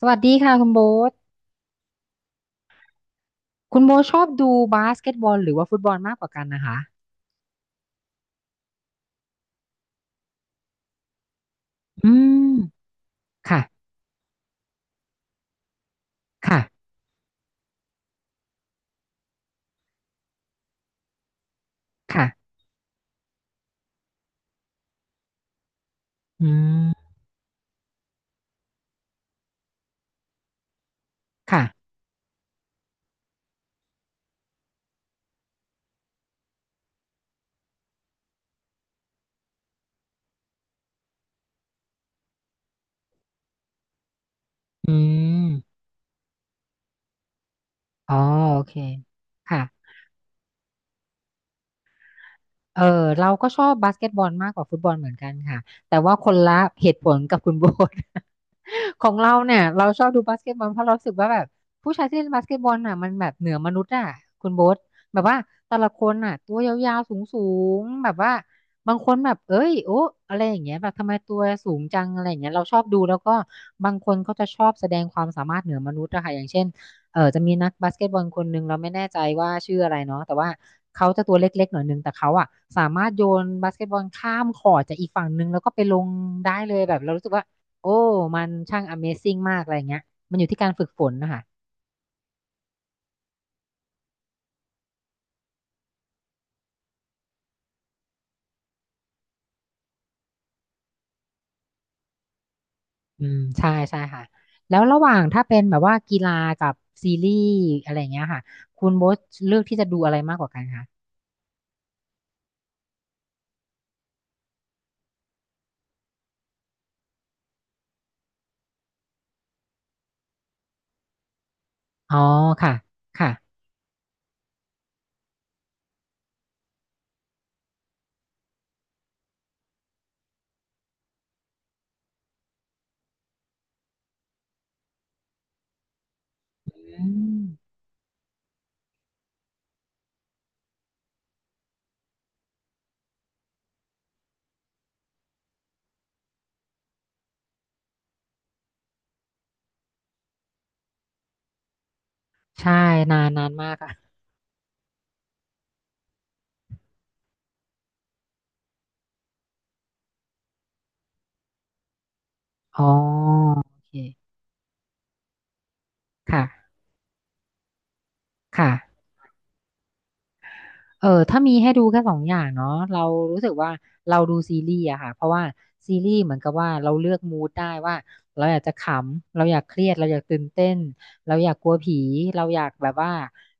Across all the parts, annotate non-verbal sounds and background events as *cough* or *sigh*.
สวัสดีค่ะคุณโบ๊ทคุณโบ๊ทชอบดูบาสเกตบอลหรือว่าฟุตบอลมากกว่ากันนะคะ อืม ค่ะ ค่ะ ค่ะ อืม ค่ะ อืมอ๋อโอเค ค่ะ เออเราก็ชอบบาสเกตบอลมากกว่าฟุตบอลเหมือนกันค่ะแต่ว่าคนละเหตุผลกับคุณโบท *laughs* ของเราเนี่ยเราชอบดูบาสเกตบอลเพราะเรารู้สึกว่าแบบผู้ชายที่เล่นบาสเกตบอลน่ะมันแบบเหนือมนุษย์อ่ะคุณโบทแบบว่าแต่ละคนน่ะตัวยาวๆสูงๆแบบว่าบางคนแบบเอ้ยโอ้อะไรอย่างเงี้ยแบบทำไมตัวสูงจังอะไรอย่างเงี้ยเราชอบดูแล้วก็บางคนเขาจะชอบแสดงความสามารถเหนือมนุษย์อะค่ะอย่างเช่น เออจะมีนักบาสเกตบอลคนหนึ่งเราไม่แน่ใจว่าชื่ออะไรเนาะแต่ว่าเขาจะตัวเล็กๆหน่อยหนึงแต่เขาอ่ะสามารถโยนบาสเกตบอลข้ามคอร์ตจากอีกฝั่งหนึ่งแล้วก็ไปลงได้เลยแบบเรารู้สึกว่าโอ้มันช่าง Amazing มากอะไรเงี้ยมันอยู่ที่การฝึกฝนนะคะอืมใช่ใช่ค่ะแล้วระหว่างถ้าเป็นแบบว่ากีฬากับซีรีส์อะไรเงี้ยค่ะคุณโบ๊ทเลือกที่จะดูอะไรมากกว่ากันคะอ๋อค่ะค่ะอืมใช่นานนานมากอ่ะอ๋อโอเคค่ะค่ะ เออถ้ามีให้ดูแค่สองอย่างเนาะเรารู้สึกว่าเราดูซีรีส์อะค่ะเพราะว่าซีรีส์เหมือนกับว่าเราเลือกมูดได้ว่าเราอยากจะขำเราอยากเครียดเราอยากตื่นเต้นเราอยากกลัวผีเราอยากแบบว่า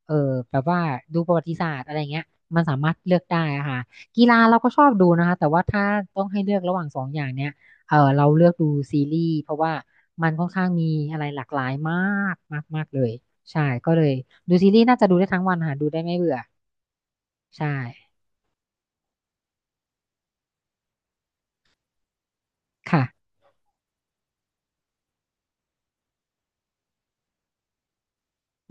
เออแบบว่าดูประวัติศาสตร์อะไรเงี้ยมันสามารถเลือกได้อะค่ะกีฬาเราก็ชอบดูนะคะแต่ว่าถ้าต้องให้เลือกระหว่างสองอย่างเนี้ยเออเราเลือกดูซีรีส์เพราะว่ามันค่อนข้างมีอะไรหลากหลายมากมากมากเลยใช่ก็เลยดูซีรีส์น่าจะดูได้ทั้งวันค่ะดูได้ไม่เบื่อใช่ ค่ะ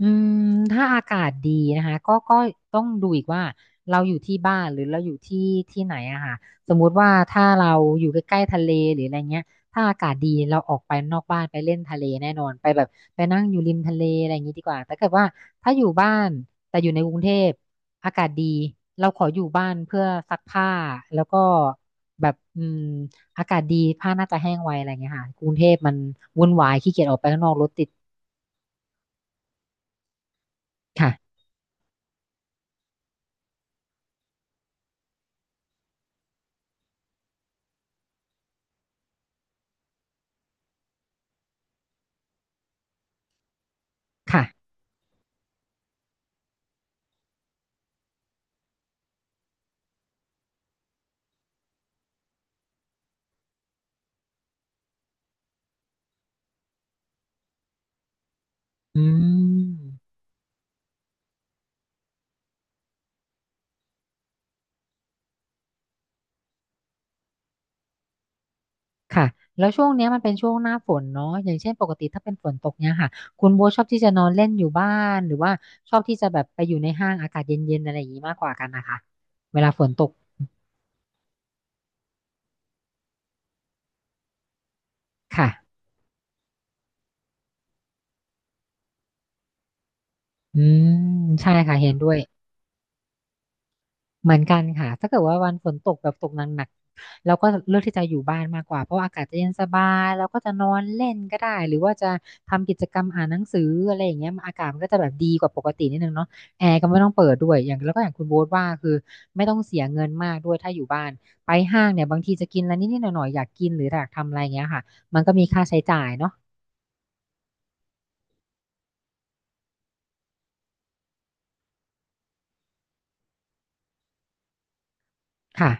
อืมถ้าอากาศดีนะคะก็ต้องดูอีกว่าเราอยู่ที่บ้านหรือเราอยู่ที่ที่ไหนอะค่ะสมมุติว่าถ้าเราอยู่ใกล้ๆทะเลหรืออะไรเงี้ยถ้าอากาศดีเราออกไปนอกบ้านไปเล่นทะเลแน่นอนไปแบบไปนั่งอยู่ริมทะเลอะไรอย่างงี้ดีกว่าแต่เกิดว่าถ้าอยู่บ้านแต่อยู่ในกรุงเทพอากาศดีเราขออยู่บ้านเพื่อซักผ้าแล้วก็แบบอืมอากาศดีผ้าน่าจะแห้งไวอะไรเงี้ยค่ะกรุงเทพมันวุ่นวายขี้เกียจออกไปข้างนอกรถติดค่ะค่ะ อืม ค่ะ แล้วช่วงเนี้ยมันเป็นช่วงหน้าฝนเนาะอย่างเช่นปกติถ้าเป็นฝนตกเนี้ยค่ะ คุณโบชอบที่จะนอนเล่นอยู่บ้านหรือว่าชอบที่จะแบบไปอยู่ในห้างอากาศเย็นๆอะไรอย่างนี้มากกว่ากันนะคะ เวลาฝนตก ค่ะ อืม ใช่ค่ะ เห็นด้วย เหมือนกันค่ะ ถ้าเกิดว่าวันฝนตกแบบตกหนักๆเราก็เลือกที่จะอยู่บ้านมากกว่า เพราะว่าอากาศจะเย็นสบายเราก็จะนอนเล่นก็ได้ หรือว่าจะทำกิจกรรมอ่านหนังสืออะไรอย่างเงี้ยอากาศมันก็จะแบบดีกว่าปกตินิดนึงเนาะแอร์ก็ไม่ต้องเปิดด้วยอย่างแล้วก็อย่างคุณโบ๊ทว่าคือไม่ต้องเสียเงินมากด้วยถ้าอยู่บ้าน ไปห้างเนี่ยบางทีจะกินอะไรนิดๆหน่อยๆอยากกินหรืออยากทำอะไรเงี้ยค่ะมันก็มีค่าใช้จ่ายเนาะค่ะ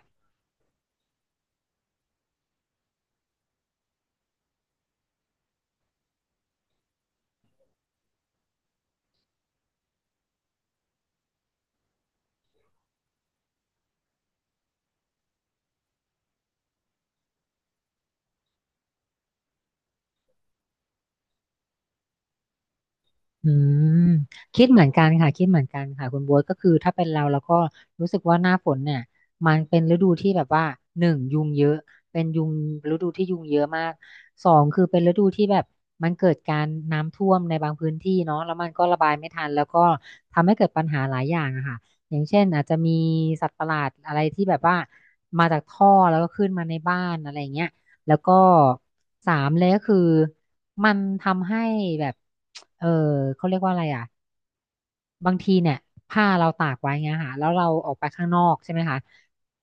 อืมคิดเหมือนกันค่ะคิดเหมือนกันค่ะคุณบ๊วยก็คือถ้าเป็นเราก็รู้สึกว่าหน้าฝนเนี่ยมันเป็นฤดูที่แบบว่าหนึ่งยุงเยอะเป็นยุงฤดูที่ยุงเยอะมากสองคือเป็นฤดูที่แบบมันเกิดการน้ำท่วมในบางพื้นที่เนาะแล้วมันก็ระบายไม่ทันแล้วก็ทำให้เกิดปัญหาหลายอย่างอะค่ะอย่างเช่นอาจจะมีสัตว์ประหลาดอะไรที่แบบว่ามาจากท่อแล้วก็ขึ้นมาในบ้านอะไรอย่างเงี้ย แล้วก็สามเลยก็คือมันทำให้แบบเออเขาเรียกว่าอะไรอ่ะบางทีเนี่ยผ้าเราตากไว้เงี้ยค่ะแล้วเราออกไปข้างนอกใช่ไหมคะ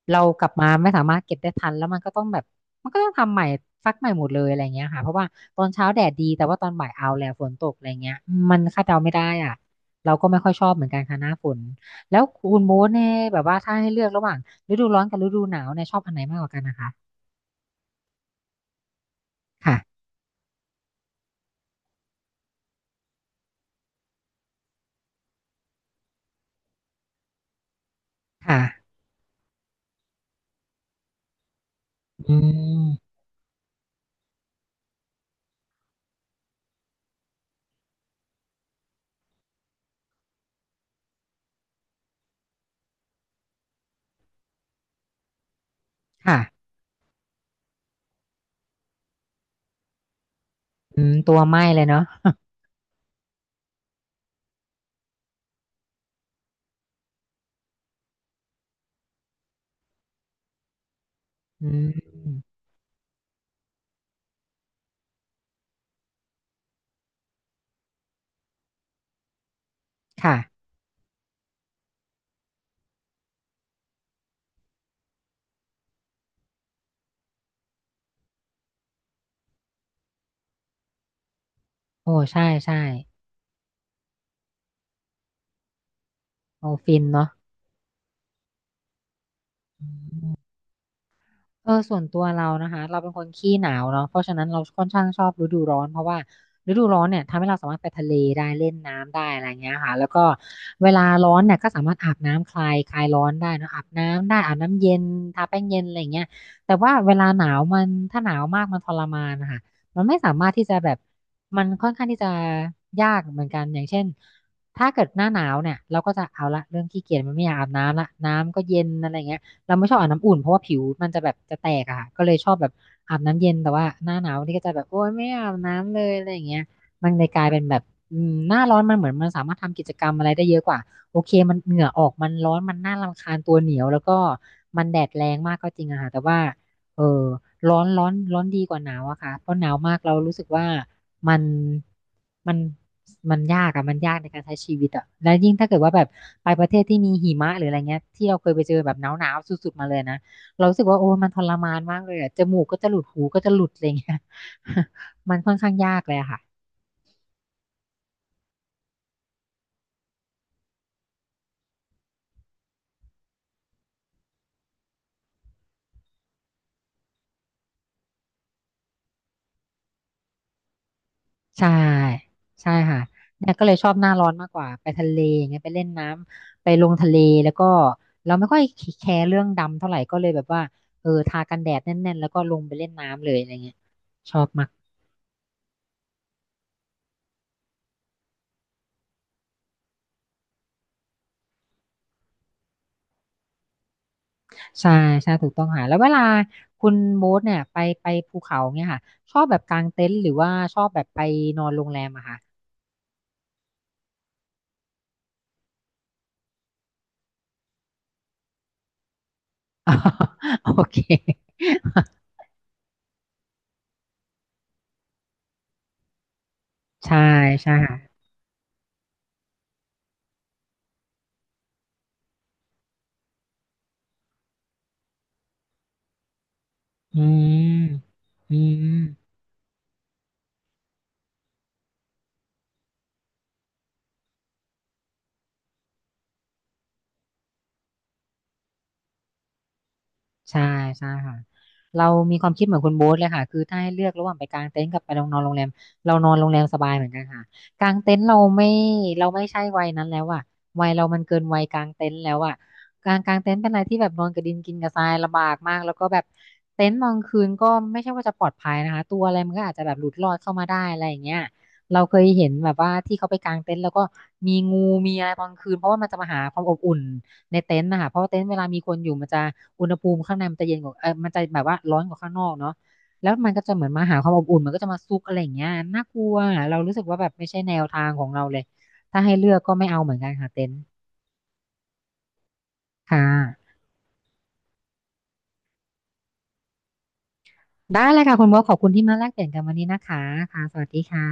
เรากลับมาไม่สามารถเก็บได้ทันแล้วมันก็ต้องแบบมันก็ต้องทำใหม่ซักใหม่หมดเลยอะไรเงี้ยค่ะเพราะว่าตอนเช้าแดดดีแต่ว่าตอนบ่ายเอาแล้วฝนตกอะไรเงี้ยมันคาดเดาไม่ได้อ่ะเราก็ไม่ค่อยชอบเหมือนกันค่ะหน้าฝนแล้วคุณโบ๊ทเนี่ยแบบว่าถ้าให้เลือกระหว่างฤดูร้อนกับฤดูหนาวเนี่ยชอบอันไหนมากกว่ากันนะคะค่ะค่ะอืม ค่ะอืมตัวไหม้เลยเนาะอืมค่ะ โอ้ใช่ใช่โอ้ฟินเนาะอื ส่วนตัวเรานะคะเราเป็นคนขี้หนาวเนาะเพราะฉะนั้นเราค่อนข้างชอบฤดูร้อนเพราะว่าฤดูร้อนเนี่ยทำให้เราสามารถไปทะเลได้เล่นน้ำได้อะไรเงี้ยค่ะแล้วก็เวลาร้อนเนี่ยก็สามารถอาบน้ำคลายร้อนได้เนอะอาบน้ำได้อาบน้ำเย็นทาแป้งเย็นอะไรเงี้ยแต่ว่าเวลาหนาวมันถ้าหนาวมากมันทรมานนะคะมันไม่สามารถที่จะแบบมันค่อนข้างที่จะยากเหมือนกันอย่างเช่นถ้าเกิดหน้าหนาวเนี่ยเราก็จะเอาละเริ่มขี้เกียจมันไม่อยากอาบน้ำละน้ำก็เย็นอะไรเงี้ย เราไม่ชอบอาบน้ำอุ่นเพราะว่าผิวมันจะแบบจะแตกอะค่ะก็เลยชอบแบบอาบน้ำเย็นแต่ว่าหน้าหนาวนี่ก็จะแบบโอ๊ยไม่อาบน้ำเลยอะไรอย่างเงี้ยมันเลยกลายเป็นแบบอืมหน้าร้อนมันเหมือนมันสามารถทำกิจกรรมอะไรได้เยอะกว่าโอเคมันเหงื่อออกมันร้อนมันน่ารำคาญตัวเหนียวแล้วก็มันแดดแรงมากก็จริงอะค่ะแต่ว่าเออร้อนร้อนร้อนดีกว่าหนาวอะค่ะเพราะหนาวมากเรารู้สึกว่า มันมันมันยากอะมันยากในการใช้ชีวิตอะแล้วยิ่งถ้าเกิดว่าแบบไปประเทศที่มีหิมะหรืออะไรเงี้ยที่เราเคยไปเจอแบบหนาวหนาวสุดๆมาเลยนะเรารู้สึกว่าโอ้ยมันทรมานมากเลยอะจมูกก็จะหลุดหูก็จะหลุดอะไรเงี้ย *laughs* มันค่อนข้างยากเลยอะค่ะใช่ใช่ค่ะเนี่ยก็เลยชอบหน้าร้อนมากกว่าไปทะเลอย่างเงี้ยไปเล่นน้ำไปลงทะเลแล้วก็เราไม่ค่อยแคร์เรื่องดำเท่าไหร่ก็เลยแบบว่าทากันแดดแน่นๆแล้วก็ลงไปเล่นน้ำเลยอะไรเงี้ยชอบมาก ใช่ใช่ถูกต้องค่ะแล้วเวลาคุณโบ๊ทเนี่ยไปไปภูเขาเนี่ยค่ะชอบแบบกางเต็นท์หรือว่าชอบแบบไปนอนโรงแรมอะค่ะ *laughs* โอเค *laughs* ใช่ใช่ค่ะอืมอืม ใช่ใช่ค่ะเรามีความคิดเหมือนคุณโบ๊ทเลยค่ะคือถ้าให้เลือกระหว่างไปกางเต็นท์กับไปนอนโรงแรมเรานอนโรงแรมสบายเหมือนกันค่ะกางเต็นท์เราไม่เราไม่ใช่วัยนั้นแล้วอะวัยเรามันเกินวัยกางเต็นท์แล้วอะการกางเต็นท์เป็นอะไรที่แบบนอนกับดินกินกับทรายลำบากมากแล้วก็แบบเต็นท์นอนคืนก็ไม่ใช่ว่าจะปลอดภัยนะคะตัวอะไรมันก็อาจจะแบบหลุดรอดเข้ามาได้อะไรอย่างเงี้ยเราเคยเห็นแบบว่าที่เขาไปกางเต็นท์แล้วก็มีงูมีอะไรตอนคืนเพราะว่ามันจะมาหาความอบอุ่น ในเต็นท์นะคะเพราะว่าเต็นท์เวลามีคนอยู่มันจะอุณหภูมิข้างในมันจะเย็นกว่ามันจะแบบว่าร้อนกว่าข้างนอกเนาะแล้วมันก็จะเหมือนมาหาความอบอุ่นมันก็จะมาซุกอะไรอย่างเงี้ยน่ากลัวเรารู้สึกว่าแบบไม่ใช่แนวทางของเราเลยถ้าให้เลือกก็ไม่เอาเหมือนกันค่ะเต็นท์ค่ะได้เลยค่ะคุณโบทขอบคุณที่มาแลกเปลี่ยนกันวันนี้นะคะค่ะสวัสดีค่ะ